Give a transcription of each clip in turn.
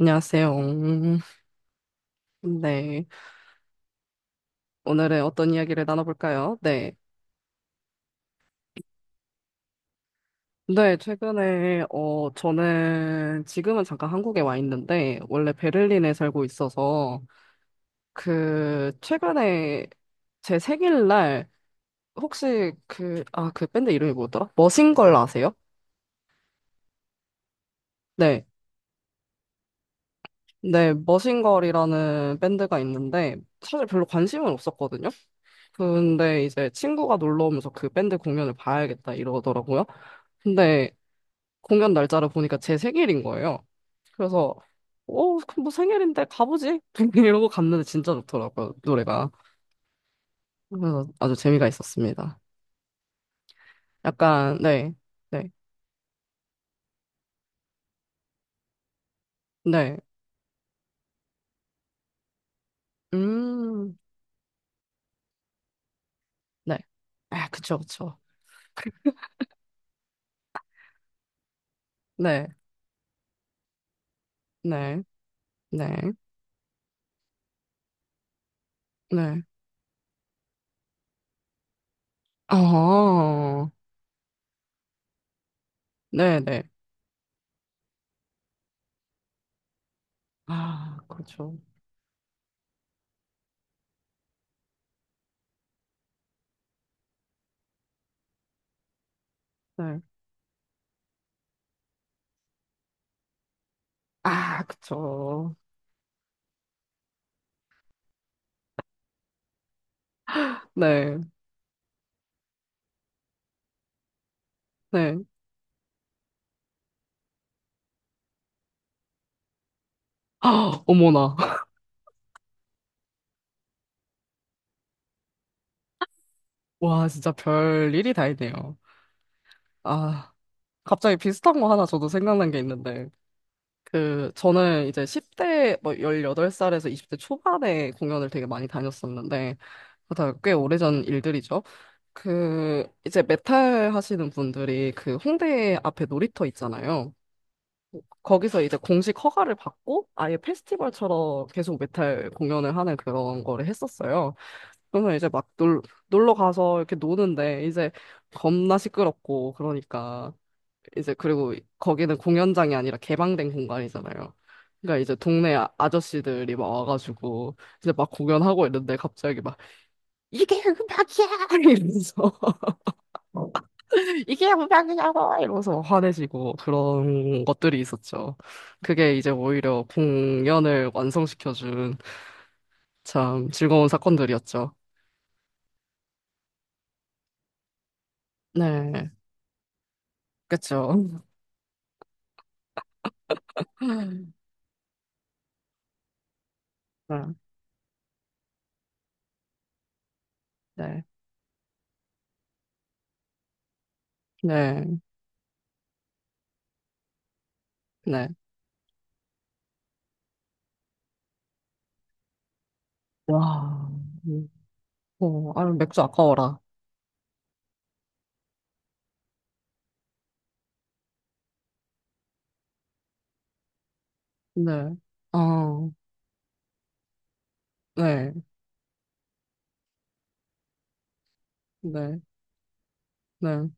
안녕하세요. 네. 오늘은 어떤 이야기를 나눠볼까요? 네. 네, 최근에, 저는 지금은 잠깐 한국에 와 있는데, 원래 베를린에 살고 있어서, 그, 최근에 제 생일날, 혹시 그, 아, 그 밴드 이름이 뭐더라? 머신걸 아세요? 네. 네, 머신걸이라는 밴드가 있는데, 사실 별로 관심은 없었거든요? 근데 이제 친구가 놀러 오면서 그 밴드 공연을 봐야겠다 이러더라고요. 근데 공연 날짜를 보니까 제 생일인 거예요. 그래서 그럼 뭐 생일인데 가보지? 이러고 갔는데 진짜 좋더라고요, 노래가. 그래서 아주 재미가 있었습니다. 약간 네, 네, 네, 음, 네, 아, 그쵸, 그쵸, 네, 네, 네, 네, 어, 네, 네, 아, 그렇죠, 네, 아, 그쵸, 네, 네, 아, 어머나, 와, 진짜 별 일이 다 있네요. 아. 갑자기 비슷한 거 하나 저도 생각난 게 있는데, 그, 저는 이제 10대, 뭐, 18살에서 20대 초반에 공연을 되게 많이 다녔었는데, 다꽤 오래전 일들이죠. 그, 이제 메탈 하시는 분들이 그 홍대 앞에 놀이터 있잖아요. 거기서 이제 공식 허가를 받고 아예 페스티벌처럼 계속 메탈 공연을 하는 그런 거를 했었어요. 그러면 이제 막 놀, 놀러 가서 이렇게 노는데, 이제 겁나 시끄럽고, 그러니까. 이제 그리고 거기는 공연장이 아니라 개방된 공간이잖아요. 그러니까 이제 동네 아저씨들이 막 와가지고 이제 막 공연하고 있는데 갑자기 막 이게 음악이야 이러면서 이게 음악이냐고 이러면서 화내시고 그런 것들이 있었죠. 그게 이제 오히려 공연을 완성시켜준 참 즐거운 사건들이었죠. 네, 그쵸. 네, 네, 네. 네. 와, 음, 어, 아, 맥주 아까워라. 네. 어, 네, 네, 네.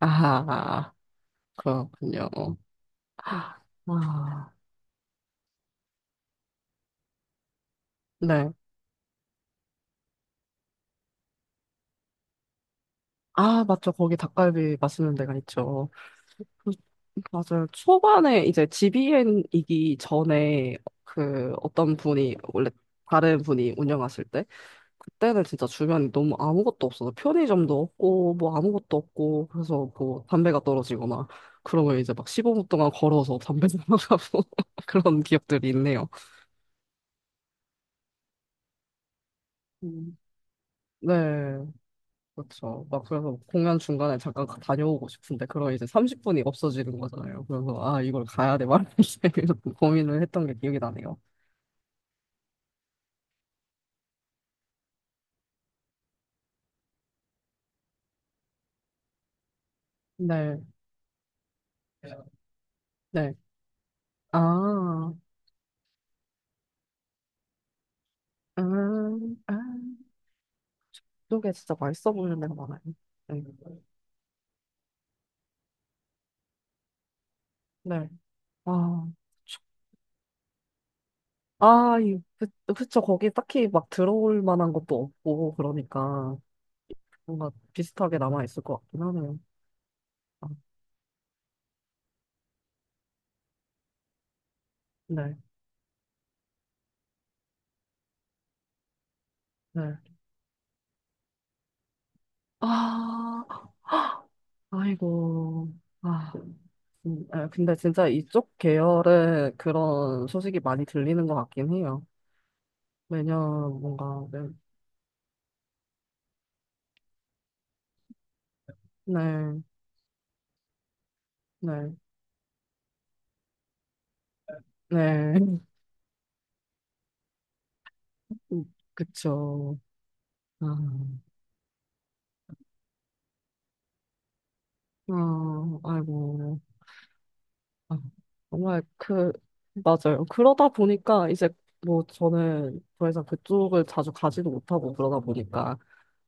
아, 그렇군요. 아, 네. 아, 맞죠. 거기 닭갈비 맛있는 데가 있죠. 그, 맞아요. 초반에 이제 GBN이기 전에 그 어떤 분이, 원래 다른 분이 운영하실 때, 그때는 진짜 주변이 너무 아무것도 없어서 편의점도 없고, 뭐 아무것도 없고, 그래서 뭐 담배가 떨어지거나, 그러면 이제 막 15분 동안 걸어서 담배 사러 가고 그런 기억들이 있네요. 음. 네, 그렇죠. 막 그래서 공연 중간에 잠깐 다녀오고 싶은데 그럼 이제 30분이 없어지는 거잖아요. 그래서 아 이걸 가야 돼 말이야 이렇게 고민을 했던 게 기억이 나네요. 네, 네. 아, 아, 이게 진짜 맛있어 보이는 데가 많아요. 네, 네. 아, 그쵸. 아, 이, 그, 그쵸. 거기 딱히 막 들어올 만한 것도 없고 그러니까 뭔가 비슷하게 남아 있을 것 같긴 하네요. 아, 네, 네. 아. 아이고. 아, 아, 근데 진짜 이쪽 계열에 그런 소식이 많이 들리는 것 같긴 해요. 매년 뭔가, 네, 네, 네, 네. 그쵸. 아, 아, 아이고. 아, 정말 그, 맞아요. 그러다 보니까 이제 뭐 저는 더 이상 그쪽을 자주 가지도 못하고 그러다 보니까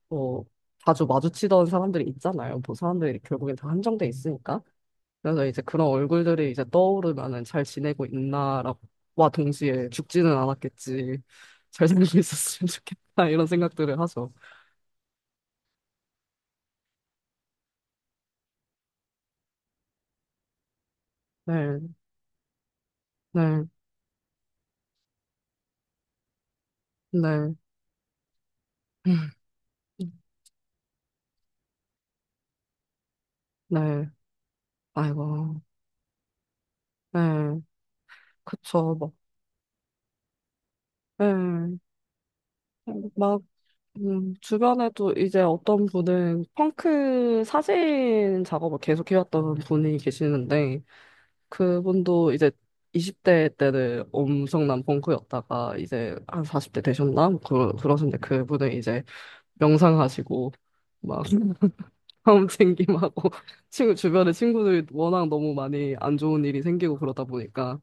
뭐 자주 마주치던 사람들이 있잖아요. 뭐 사람들이 결국엔 다 한정돼 있으니까. 그래서 이제 그런 얼굴들이 이제 떠오르면은 잘 지내고 있나라고, 와 동시에 죽지는 않았겠지. 잘 살고 있었으면 좋겠다. 이런 생각들을 하죠. 네, 네, 네. 음, 네, 아이고, 네, 그쵸, 뭐, 네, 막, 주변에도 이제 어떤 분은 펑크 사진 작업을 계속 해왔던 분이 계시는데, 그분도 이제 20대 때는 엄청난 펑크였다가 이제 한 40대 되셨나? 뭐 그러셨는데 그분은 이제 명상하시고 막 마음 챙김하고 친구 주변에 친구들이 워낙 너무 많이 안 좋은 일이 생기고 그러다 보니까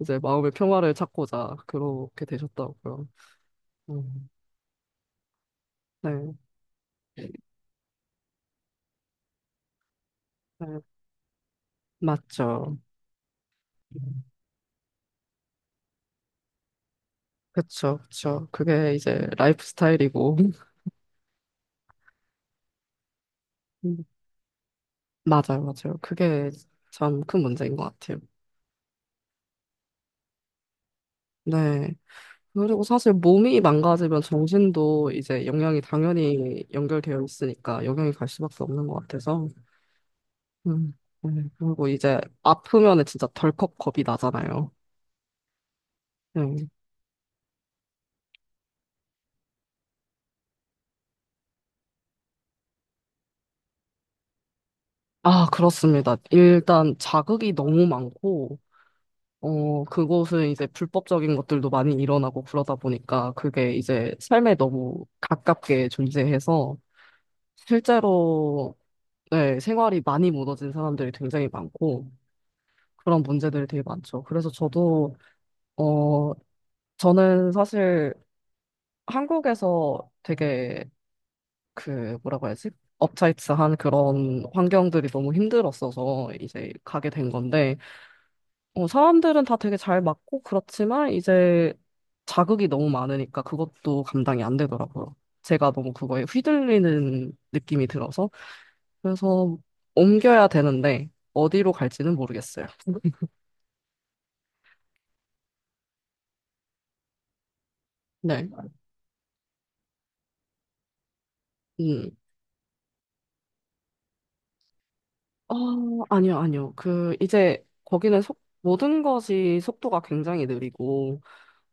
이제 마음의 평화를 찾고자 그렇게 되셨다고요. 음, 네, 네, 맞죠. 그쵸, 그쵸. 그게 이제 라이프 스타일이고. 맞아요, 맞아요. 그게 참 큰 문제인 것 같아요. 네. 그리고 사실 몸이 망가지면 정신도 이제 영향이 당연히 연결되어 있으니까 영향이 갈 수밖에 없는 것 같아서. 음, 네. 그리고 이제 아프면은 진짜 덜컥 겁이 나잖아요. 네. 아, 그렇습니다. 일단 자극이 너무 많고, 어, 그곳은 이제 불법적인 것들도 많이 일어나고 그러다 보니까 그게 이제 삶에 너무 가깝게 존재해서 실제로 네, 생활이 많이 무너진 사람들이 굉장히 많고, 그런 문제들이 되게 많죠. 그래서 저도, 어, 저는 사실 한국에서 되게 그, 뭐라고 해야지? 업차이츠한 그런 환경들이 너무 힘들었어서 이제 가게 된 건데, 어, 사람들은 다 되게 잘 맞고 그렇지만 이제 자극이 너무 많으니까 그것도 감당이 안 되더라고요. 제가 너무 그거에 휘둘리는 느낌이 들어서, 그래서 옮겨야 되는데, 어디로 갈지는 모르겠어요. 네. 음. 어, 아니요, 아니요. 그, 이제, 거기는 속, 모든 것이 속도가 굉장히 느리고,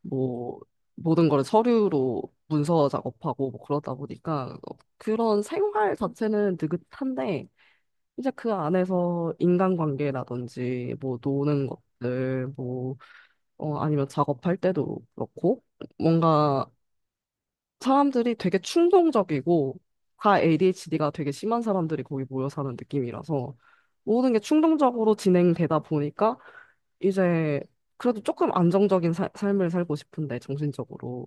뭐, 모든 걸 서류로 문서 작업하고, 뭐, 그러다 보니까, 어, 그런 생활 자체는 느긋한데, 이제 그 안에서 인간관계라든지, 뭐, 노는 것들, 뭐, 어, 아니면 작업할 때도 그렇고, 뭔가 사람들이 되게 충동적이고 다 ADHD가 되게 심한 사람들이 거기 모여 사는 느낌이라서 모든 게 충동적으로 진행되다 보니까 이제 그래도 조금 안정적인 삶을 살고 싶은데 정신적으로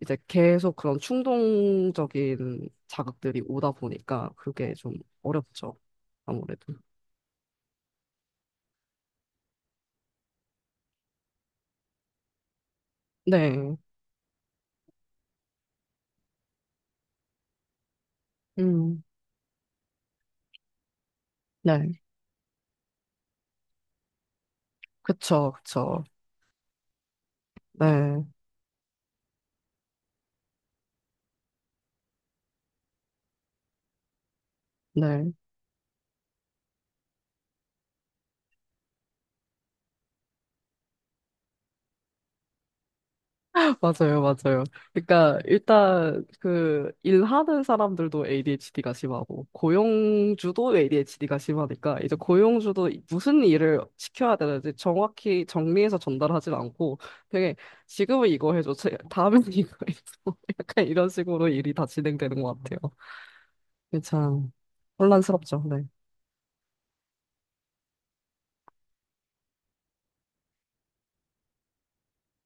이제 계속 그런 충동적인 자극들이 오다 보니까 그게 좀 어렵죠. 아무래도. 네. 음. 네. 그쵸. 그쵸. 네. 네. 맞아요, 맞아요. 그러니까 일단 그 일하는 사람들도 ADHD가 심하고 고용주도 ADHD가 심하니까 이제 고용주도 무슨 일을 시켜야 되는지 정확히 정리해서 전달하진 않고 되게 지금은 이거 해줘, 다음엔 이거 해줘 약간 이런 식으로 일이 다 진행되는 것 같아요. 이게 참 혼란스럽죠. 네,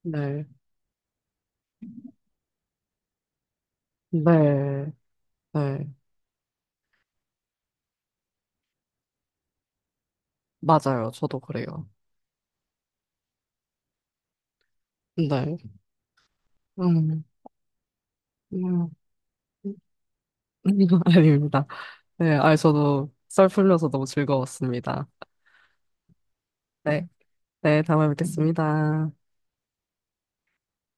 네, 네, 네, 맞아요. 저도 그래요. 네, 음, 음, 아닙니다. 네, 아, 저도 썰 풀려서 너무 즐거웠습니다. 네, 네, 다음에 뵙겠습니다.